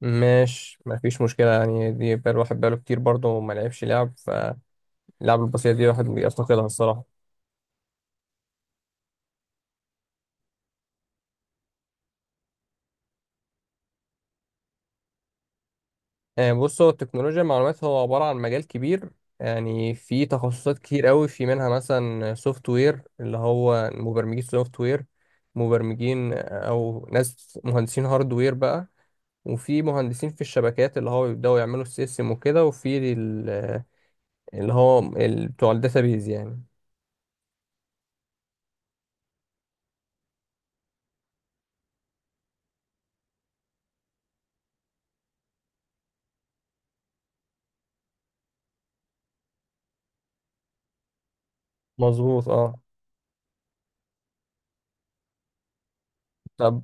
ماشي، مفيش مشكلة. يعني دي بقى الواحد بقاله كتير برضه وما لعبش لعب، فاللعب البسيطة دي الواحد بيفتقدها الصراحة. بص، هو التكنولوجيا المعلومات هو عبارة عن مجال كبير. يعني في تخصصات كتير قوي، في منها مثلا سوفت وير اللي هو مبرمجين سوفت وير، مبرمجين. أو ناس مهندسين هاردوير بقى. وفي مهندسين في الشبكات اللي هو بيبدأوا يعملوا السيستم وكده، وفي اللي هو بتوع الداتابيز يعني. مظبوط، اه. طب،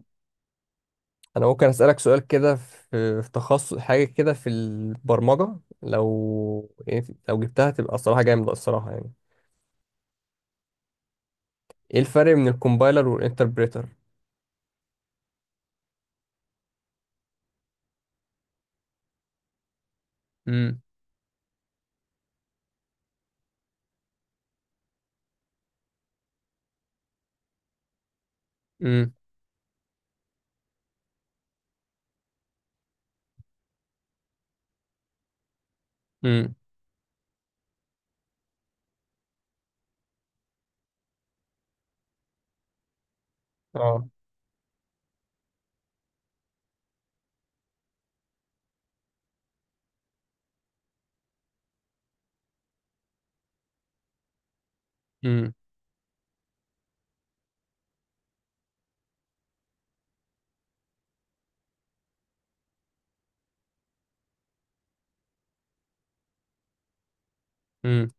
انا ممكن اسالك سؤال كده في تخصص حاجه كده في البرمجه. لو يعني لو جبتها تبقى الصراحه جامده الصراحه يعني. ايه الفرق بين الكومبايلر والانتربريتر؟ امم امم امم اه. امم امم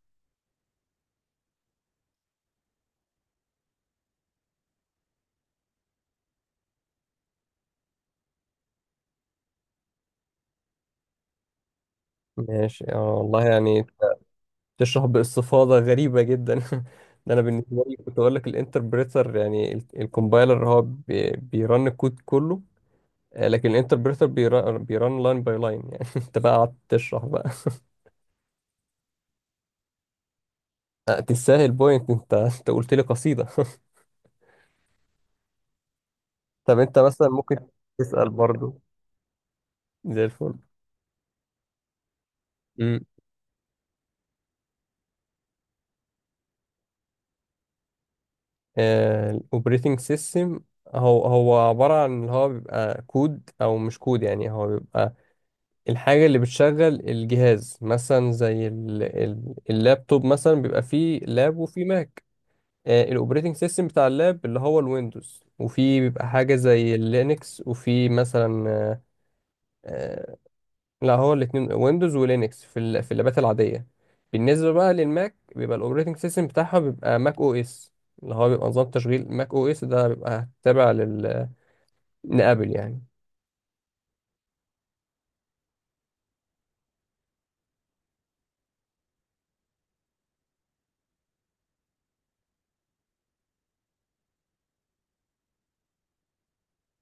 ماشي، اه والله يعني. تشرح باستفاضه غريبه جدا. ده انا بالنسبه لي كنت اقول لك الانتربريتر، يعني الكومبايلر هو بيرن الكود كله. لكن الانتربريتر بيرن لاين باي لاين. يعني انت بقى قعدت تشرح بقى. تستاهل بوينت. انت قلت لي قصيدة. طب انت مثلا ممكن تسأل برضو، زي الفل. امم الاوبريتنج سيستم، هو هو عبارة عن اللي هو بيبقى كود او مش كود، يعني هو بيبقى الحاجة اللي بتشغل الجهاز مثلا زي اللابتوب. مثلا بيبقى فيه لاب وفيه ماك. الاوبريتنج سيستم بتاع اللاب اللي هو الويندوز، وفي بيبقى حاجة زي اللينكس، وفي مثلا. آه، لا، هو الاثنين ويندوز ولينكس في في اللابات العاديه. بالنسبه بقى للماك، بيبقى الاوبريتنج سيستم بتاعها بيبقى ماك او اس، اللي هو بيبقى نظام تشغيل ماك او اس، ده بيبقى تابع لابل يعني.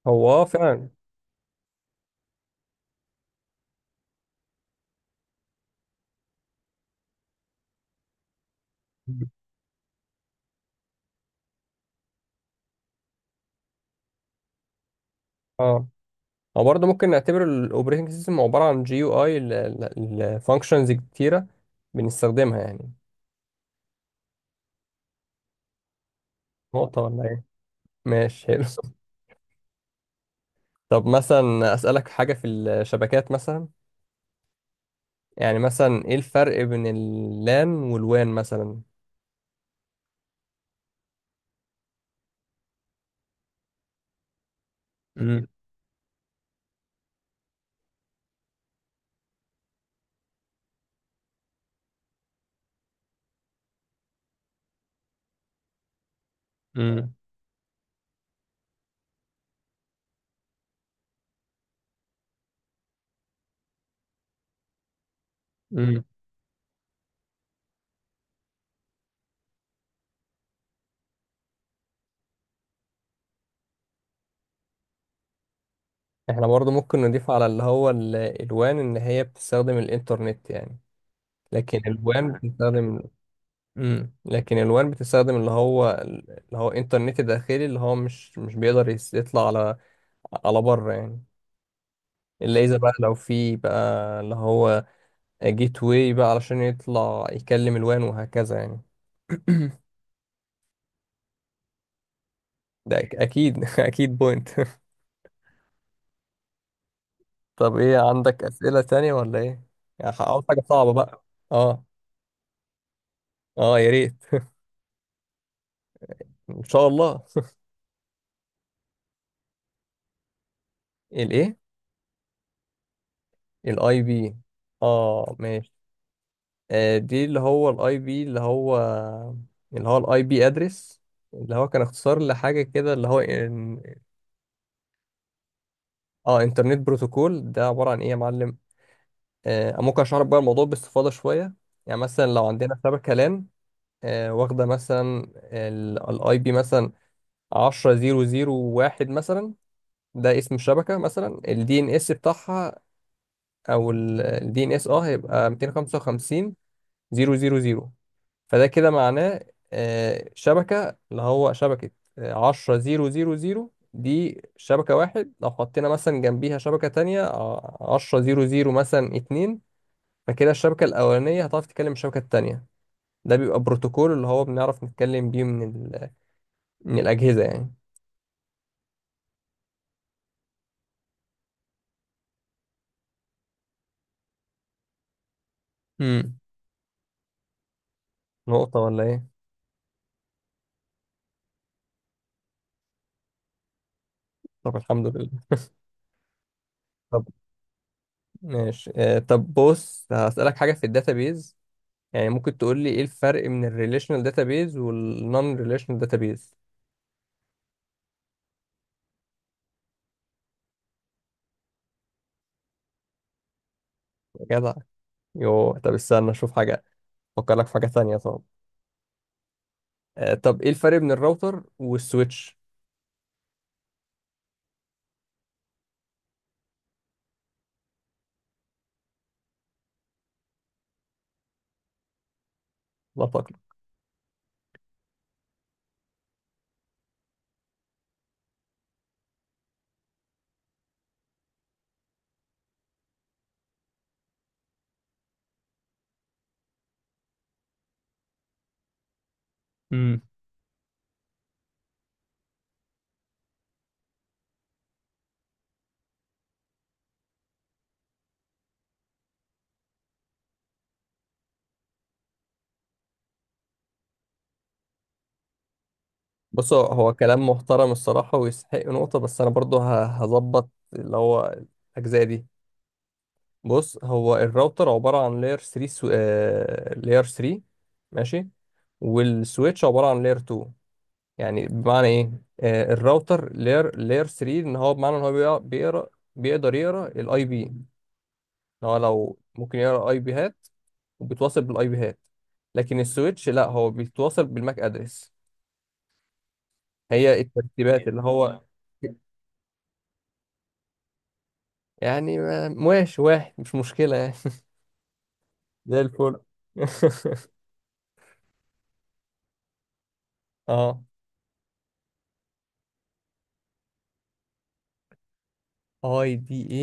هو اه فعلا. اه، هو برضه ممكن نعتبر الاوبريتنج سيستم عباره عن جي يو اي لفانكشنز كتيره بنستخدمها يعني. نقطه ولا ايه؟ ماشي، حلو. طب مثلا اسالك حاجه في الشبكات مثلا. يعني مثلا، ايه الفرق بين اللان والوان مثلا؟ امم امم احنا برضو ممكن نضيف على اللي هو الوان ان هي بتستخدم الانترنت يعني. لكن الوان بتستخدم. لكن الوان بتستخدم اللي هو انترنت داخلي، اللي هو مش بيقدر يطلع على على بره يعني. الا اذا بقى، لو في بقى اللي هو جيت واي بقى، علشان يطلع يكلم الوان وهكذا يعني. ده اكيد. اكيد بوينت. طب، ايه عندك اسئلة تانية ولا ايه؟ يعني عاوز حاجة صعبة بقى. اه، اه، يا ريت. ان شاء الله. الايه؟ الاي بي؟ اه، ماشي. آه، دي اللي هو الاي بي اللي هو اللي هو الاي بي ادرس، اللي هو كان اختصار لحاجه كده، اللي هو إن... اه، انترنت بروتوكول. ده عباره عن ايه يا معلم؟ آه، ممكن اشرح لك بقى الموضوع باستفاضه شويه. يعني مثلا لو عندنا شبكه لان، آه، واخده مثلا الاي بي مثلا 10 0 0 1 مثلا. ده اسم الشبكه، مثلا الدي ان اس بتاعها، او الدي ان اس، اه، هيبقى 255 000. فده كده معناه شبكة اللي هو شبكة عشرة زيرو زيرو زيرو، دي شبكة واحد. لو حطينا مثلا جنبيها شبكة تانية، عشرة زيرو زيرو مثلا اتنين، فكده الشبكة الأولانية هتعرف تتكلم الشبكة التانية. ده بيبقى بروتوكول اللي هو بنعرف نتكلم بيه من ال... من الأجهزة يعني. امم نقطة ولا إيه؟ طب، الحمد لله. طب. ماشي. طب بص، هسألك حاجة في الداتابيز. يعني ممكن تقول لي إيه الفرق من الريليشنال داتابيز والنون ريليشنال داتابيز؟ جدع. يوه، طب استنى اشوف حاجة، افكر لك في حاجة تانية. طب، آه، طب ايه الفرق بين الراوتر والسويتش؟ لا تقلق. امم بص، هو هو كلام محترم الصراحة ويستحق نقطة، بس أنا برضو هظبط اللي هو الأجزاء دي. بص، هو الراوتر عبارة عن لاير 3 لاير 3. ماشي. والسويتش عبارة عن لاير 2. يعني بمعنى إيه؟ آه، الراوتر لاير 3، إن هو بمعنى إن هو بيقرأ بيقدر يقرأ الأي بي. إن هو لو ممكن يقرأ أي بيهات، وبتواصل بالاي بي هات. لكن السويتش لا، هو بيتواصل بالماك ادرس. هي الترتيبات اللي هو. يعني ماشي، واحد مش مشكلة يعني. زي الفل. اه. اي دي اي.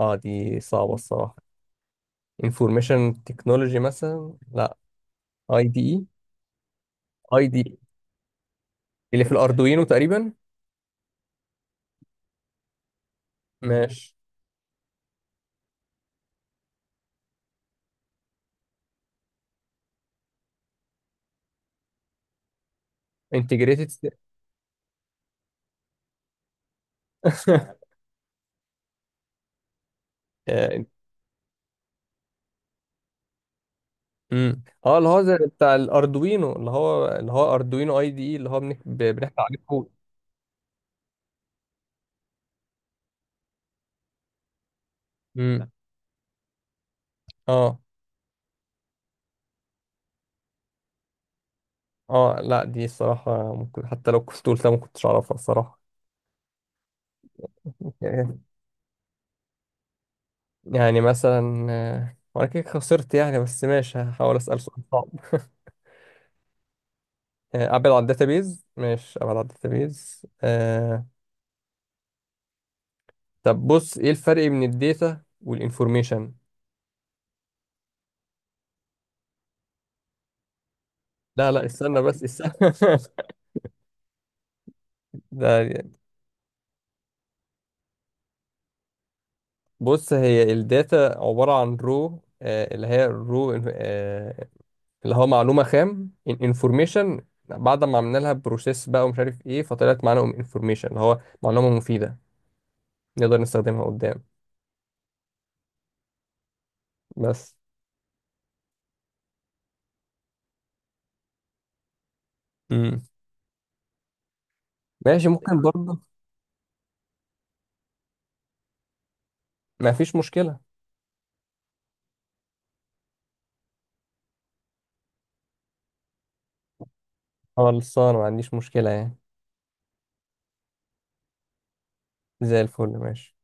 اه، دي صعبة الصراحة. انفورميشن تكنولوجي مثلا؟ لا. اي دي. اي اي دي إي. اللي في الاردوينو تقريبا. ماشي. انتجريتد. اه. أمم. آه، اللي هو زي بتاع الاردوينو، اللي هو اردوينو اي دي اي اللي هو بنحكي عليه كود. اه. اه، لا، دي الصراحة ممكن حتى لو كنت قلتها ما كنتش اعرفها الصراحة. يعني مثلا، وانا كده خسرت يعني، بس ماشي هحاول اسأل سؤال صعب. ابعد عن الداتابيز. ماشي، ابعد عن الداتابيز. طب بص، ايه الفرق بين الداتا والانفورميشن؟ لا، لا، استنى بس استنى. ده بص، هي الداتا عبارة عن رو، آه، اللي هي الرو، اللي هو معلومة خام. انفورميشن بعد ما عملنا لها بروسيس بقى ومش عارف ايه، فطلعت معانا انفورميشن اللي هو معلومة مفيدة نقدر نستخدمها قدام. بس. امم ماشي، ممكن برضه. ما فيش مشكلة. خلصانة، ما عنديش مشكلة يعني. زي الفل، ماشي.